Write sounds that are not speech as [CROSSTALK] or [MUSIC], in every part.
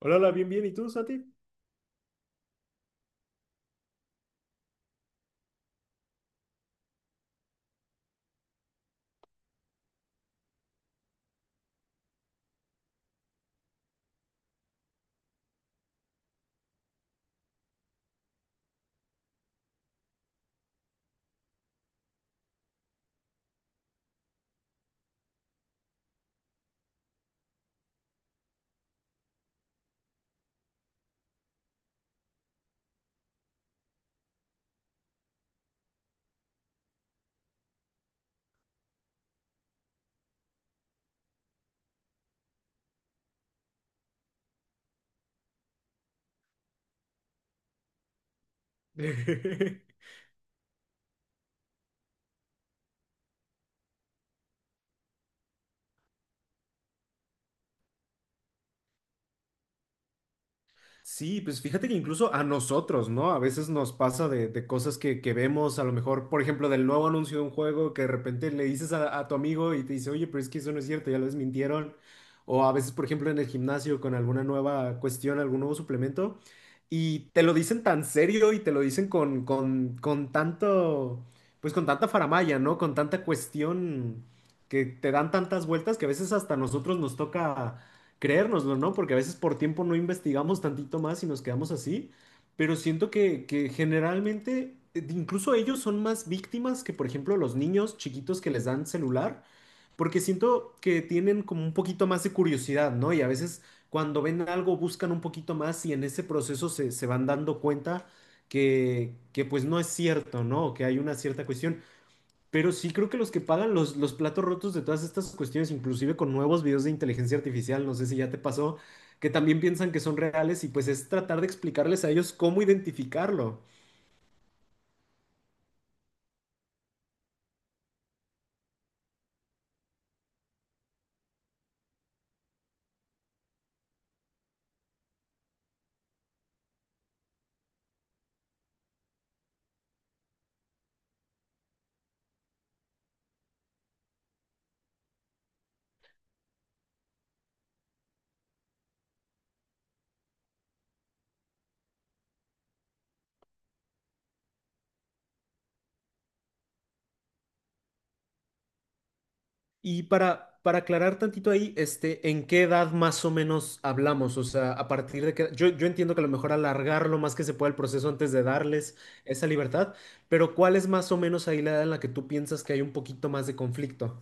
Hola, hola, bien, bien. ¿Y tú, Santi? [LAUGHS] Sí, pues fíjate que incluso a nosotros, ¿no? A veces nos pasa de, cosas que vemos, a lo mejor, por ejemplo, del nuevo anuncio de un juego que de repente le dices a tu amigo y te dice, oye, pero es que eso no es cierto, ya lo desmintieron. O a veces, por ejemplo, en el gimnasio con alguna nueva cuestión, algún nuevo suplemento, y te lo dicen tan serio y te lo dicen con tanto, pues con tanta faramalla, ¿no? Con tanta cuestión que te dan tantas vueltas que a veces hasta a nosotros nos toca creérnoslo, ¿no? Porque a veces por tiempo no investigamos tantito más y nos quedamos así, pero siento que generalmente incluso ellos son más víctimas que, por ejemplo, los niños chiquitos que les dan celular, porque siento que tienen como un poquito más de curiosidad, ¿no? Y a veces cuando ven algo buscan un poquito más y en ese proceso se van dando cuenta que pues no es cierto, ¿no? Que hay una cierta cuestión. Pero sí creo que los que pagan los platos rotos de todas estas cuestiones, inclusive con nuevos videos de inteligencia artificial, no sé si ya te pasó, que también piensan que son reales y pues es tratar de explicarles a ellos cómo identificarlo. Y para aclarar tantito ahí, ¿en qué edad más o menos hablamos? O sea, a partir de qué. Yo entiendo que a lo mejor alargar lo más que se pueda el proceso antes de darles esa libertad, pero ¿cuál es más o menos ahí la edad en la que tú piensas que hay un poquito más de conflicto?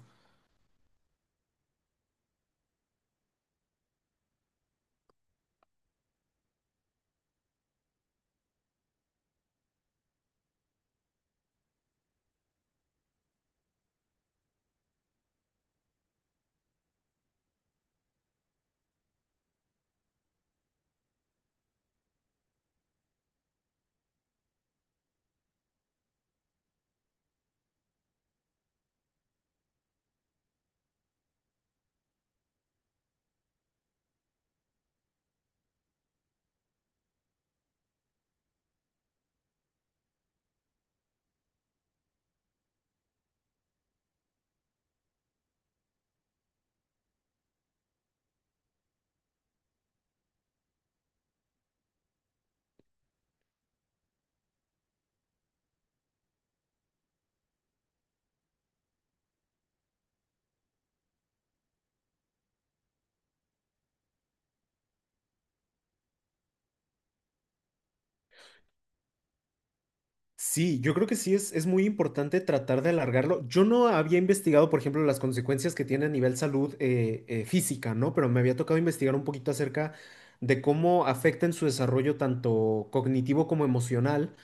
Sí, yo creo que sí es muy importante tratar de alargarlo. Yo no había investigado, por ejemplo, las consecuencias que tiene a nivel salud física, ¿no? Pero me había tocado investigar un poquito acerca de cómo afecta en su desarrollo tanto cognitivo como emocional.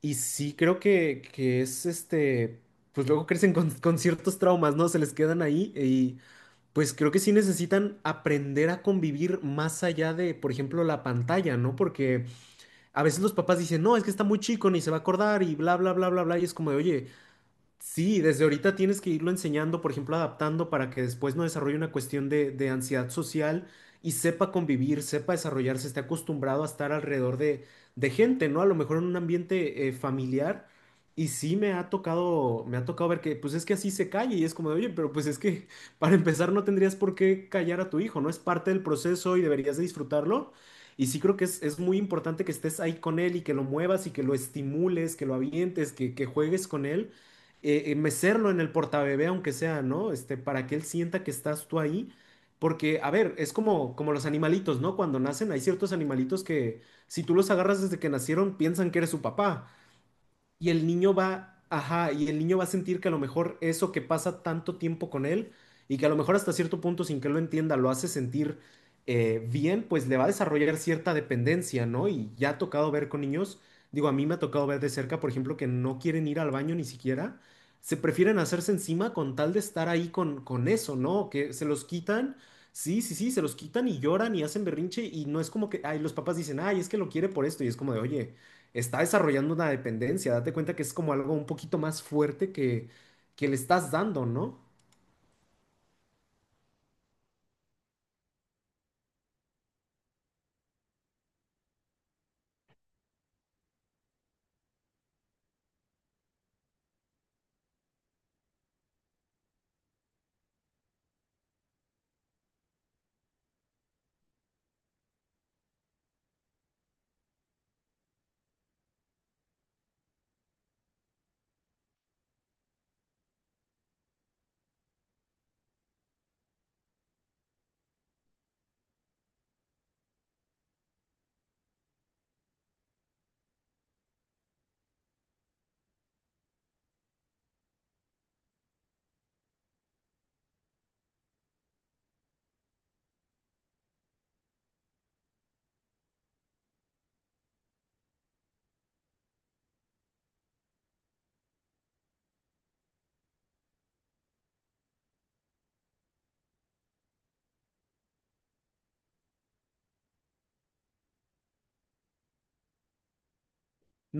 Y sí creo que es pues luego crecen con, ciertos traumas, ¿no? Se les quedan ahí y pues creo que sí necesitan aprender a convivir más allá de, por ejemplo, la pantalla, ¿no? Porque a veces los papás dicen, no, es que está muy chico, ni se va a acordar y bla, bla, bla, bla, bla. Y es como de, oye, sí, desde ahorita tienes que irlo enseñando, por ejemplo, adaptando para que después no desarrolle una cuestión de, ansiedad social y sepa convivir, sepa desarrollarse, esté acostumbrado a estar alrededor de gente, ¿no? A lo mejor en un ambiente familiar. Y sí me ha tocado ver que, pues es que así se calla y es como de, oye, pero pues es que [LAUGHS] para empezar no tendrías por qué callar a tu hijo, ¿no? Es parte del proceso y deberías de disfrutarlo. Y sí creo que es muy importante que estés ahí con él y que lo muevas y que lo estimules, que lo avientes, que juegues con él mecerlo en el portabebé, aunque sea, ¿no? Para que él sienta que estás tú ahí. Porque, a ver, es como, como los animalitos, ¿no? Cuando nacen, hay ciertos animalitos que si tú los agarras desde que nacieron, piensan que eres su papá. Y el niño va, ajá, y el niño va a sentir que a lo mejor eso que pasa tanto tiempo con él y que a lo mejor hasta cierto punto sin que lo entienda lo hace sentir bien, pues le va a desarrollar cierta dependencia, ¿no? Y ya ha tocado ver con niños, digo, a mí me ha tocado ver de cerca, por ejemplo, que no quieren ir al baño ni siquiera, se prefieren hacerse encima con tal de estar ahí con eso, ¿no? Que se los quitan. Sí, sí, sí, se los quitan y lloran y hacen berrinche y no es como que, ay, los papás dicen, ay, es que lo quiere por esto y es como de, oye, está desarrollando una dependencia. Date cuenta que es como algo un poquito más fuerte que le estás dando, ¿no?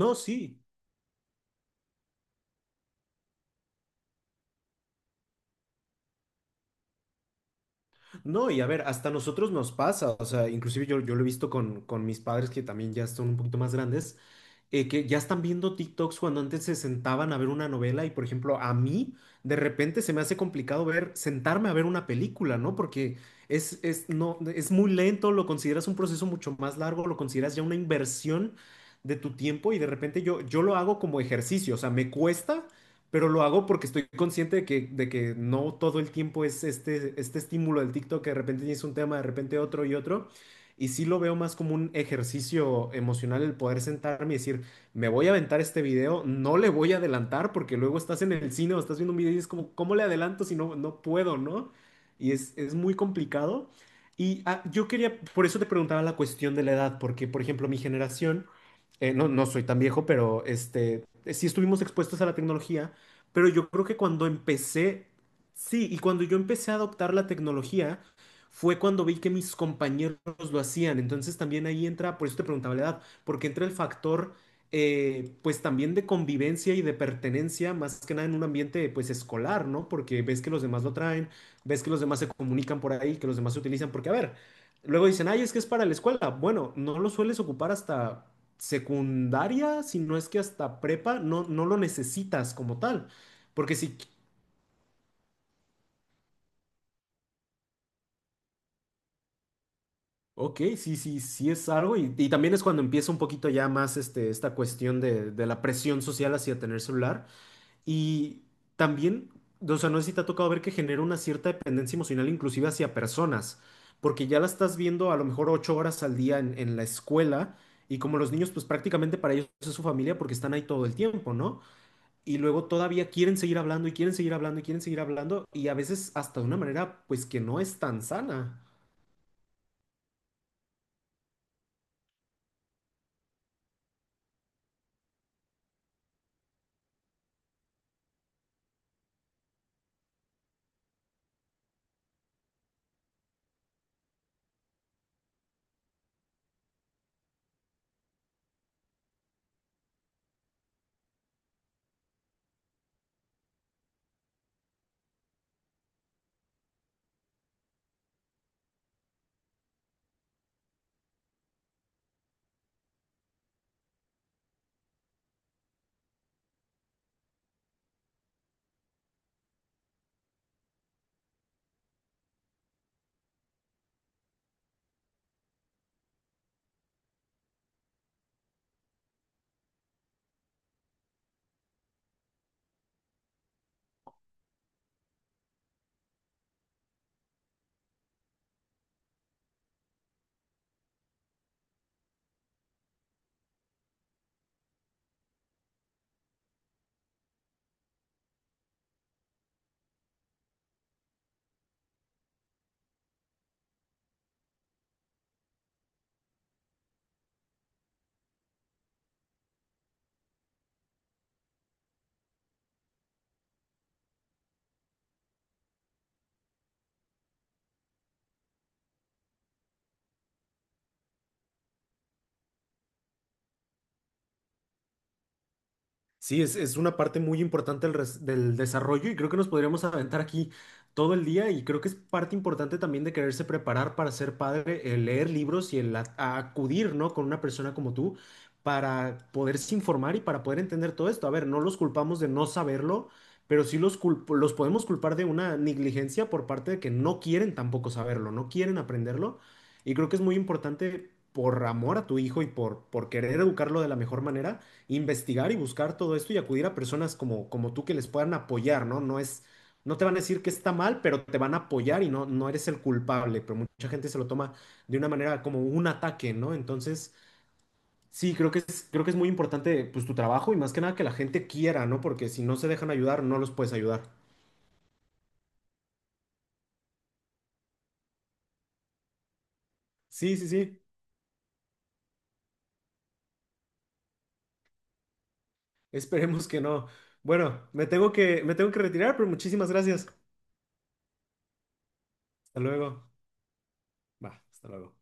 No, sí. No, y a ver, hasta nosotros nos pasa, o sea, inclusive yo lo he visto con mis padres que también ya son un poquito más grandes, que ya están viendo TikToks cuando antes se sentaban a ver una novela y, por ejemplo, a mí de repente se me hace complicado sentarme a ver una película, ¿no? Porque es, no, es muy lento, lo consideras un proceso mucho más largo, lo consideras ya una inversión de tu tiempo y de repente yo lo hago como ejercicio, o sea, me cuesta pero lo hago porque estoy consciente de que no todo el tiempo es este estímulo del TikTok, que de repente tienes un tema, de repente otro y otro. Y sí lo veo más como un ejercicio emocional el poder sentarme y decir, me voy a aventar este video, no le voy a adelantar porque luego estás en el cine o estás viendo un video y es como, ¿cómo le adelanto si no, no puedo, no? Y es muy complicado. Y ah, yo quería, por eso te preguntaba la cuestión de la edad, porque por ejemplo mi generación, no, no soy tan viejo, pero sí estuvimos expuestos a la tecnología pero yo creo que cuando empecé, sí, y cuando yo empecé a adoptar la tecnología, fue cuando vi que mis compañeros lo hacían. Entonces también ahí entra, por eso te preguntaba la edad, porque entra el factor, pues también de convivencia y de pertenencia, más que nada en un ambiente, pues escolar, ¿no? Porque ves que los demás lo traen, ves que los demás se comunican por ahí, que los demás se utilizan, porque a ver, luego dicen, ay, es que es para la escuela. Bueno, no lo sueles ocupar hasta secundaria, si no es que hasta prepa, no, no lo necesitas como tal. Porque sí, ok, sí, sí, sí es algo y también es cuando empieza un poquito ya más este, esta cuestión de, la presión social hacia tener celular y también, o sea, no sé si te ha tocado ver que genera una cierta dependencia emocional inclusive hacia personas, porque ya la estás viendo a lo mejor 8 horas al día en la escuela y como los niños pues prácticamente para ellos es su familia porque están ahí todo el tiempo, ¿no? Y luego todavía quieren seguir hablando y quieren seguir hablando y quieren seguir hablando y a veces hasta de una manera pues que no es tan sana. Sí, es una parte muy importante del desarrollo y creo que nos podríamos aventar aquí todo el día y creo que es parte importante también de quererse preparar para ser padre, el leer libros y el a acudir, ¿no? con una persona como tú para poderse informar y para poder entender todo esto. A ver, no los culpamos de no saberlo, pero sí los podemos culpar de una negligencia por parte de que no quieren tampoco saberlo, no quieren aprenderlo y creo que es muy importante por amor a tu hijo y por querer educarlo de la mejor manera investigar y buscar todo esto y acudir a personas como, como tú que les puedan apoyar, ¿no? No te van a decir que está mal, pero te van a apoyar y no, no eres el culpable, pero mucha gente se lo toma de una manera como un ataque, ¿no? Entonces, sí, creo que es muy importante pues tu trabajo y más que nada que la gente quiera, ¿no? Porque si no se dejan ayudar, no los puedes ayudar. Sí, sí, sí, esperemos que no. Bueno, me tengo que retirar, pero muchísimas gracias. Hasta luego. Va, hasta luego.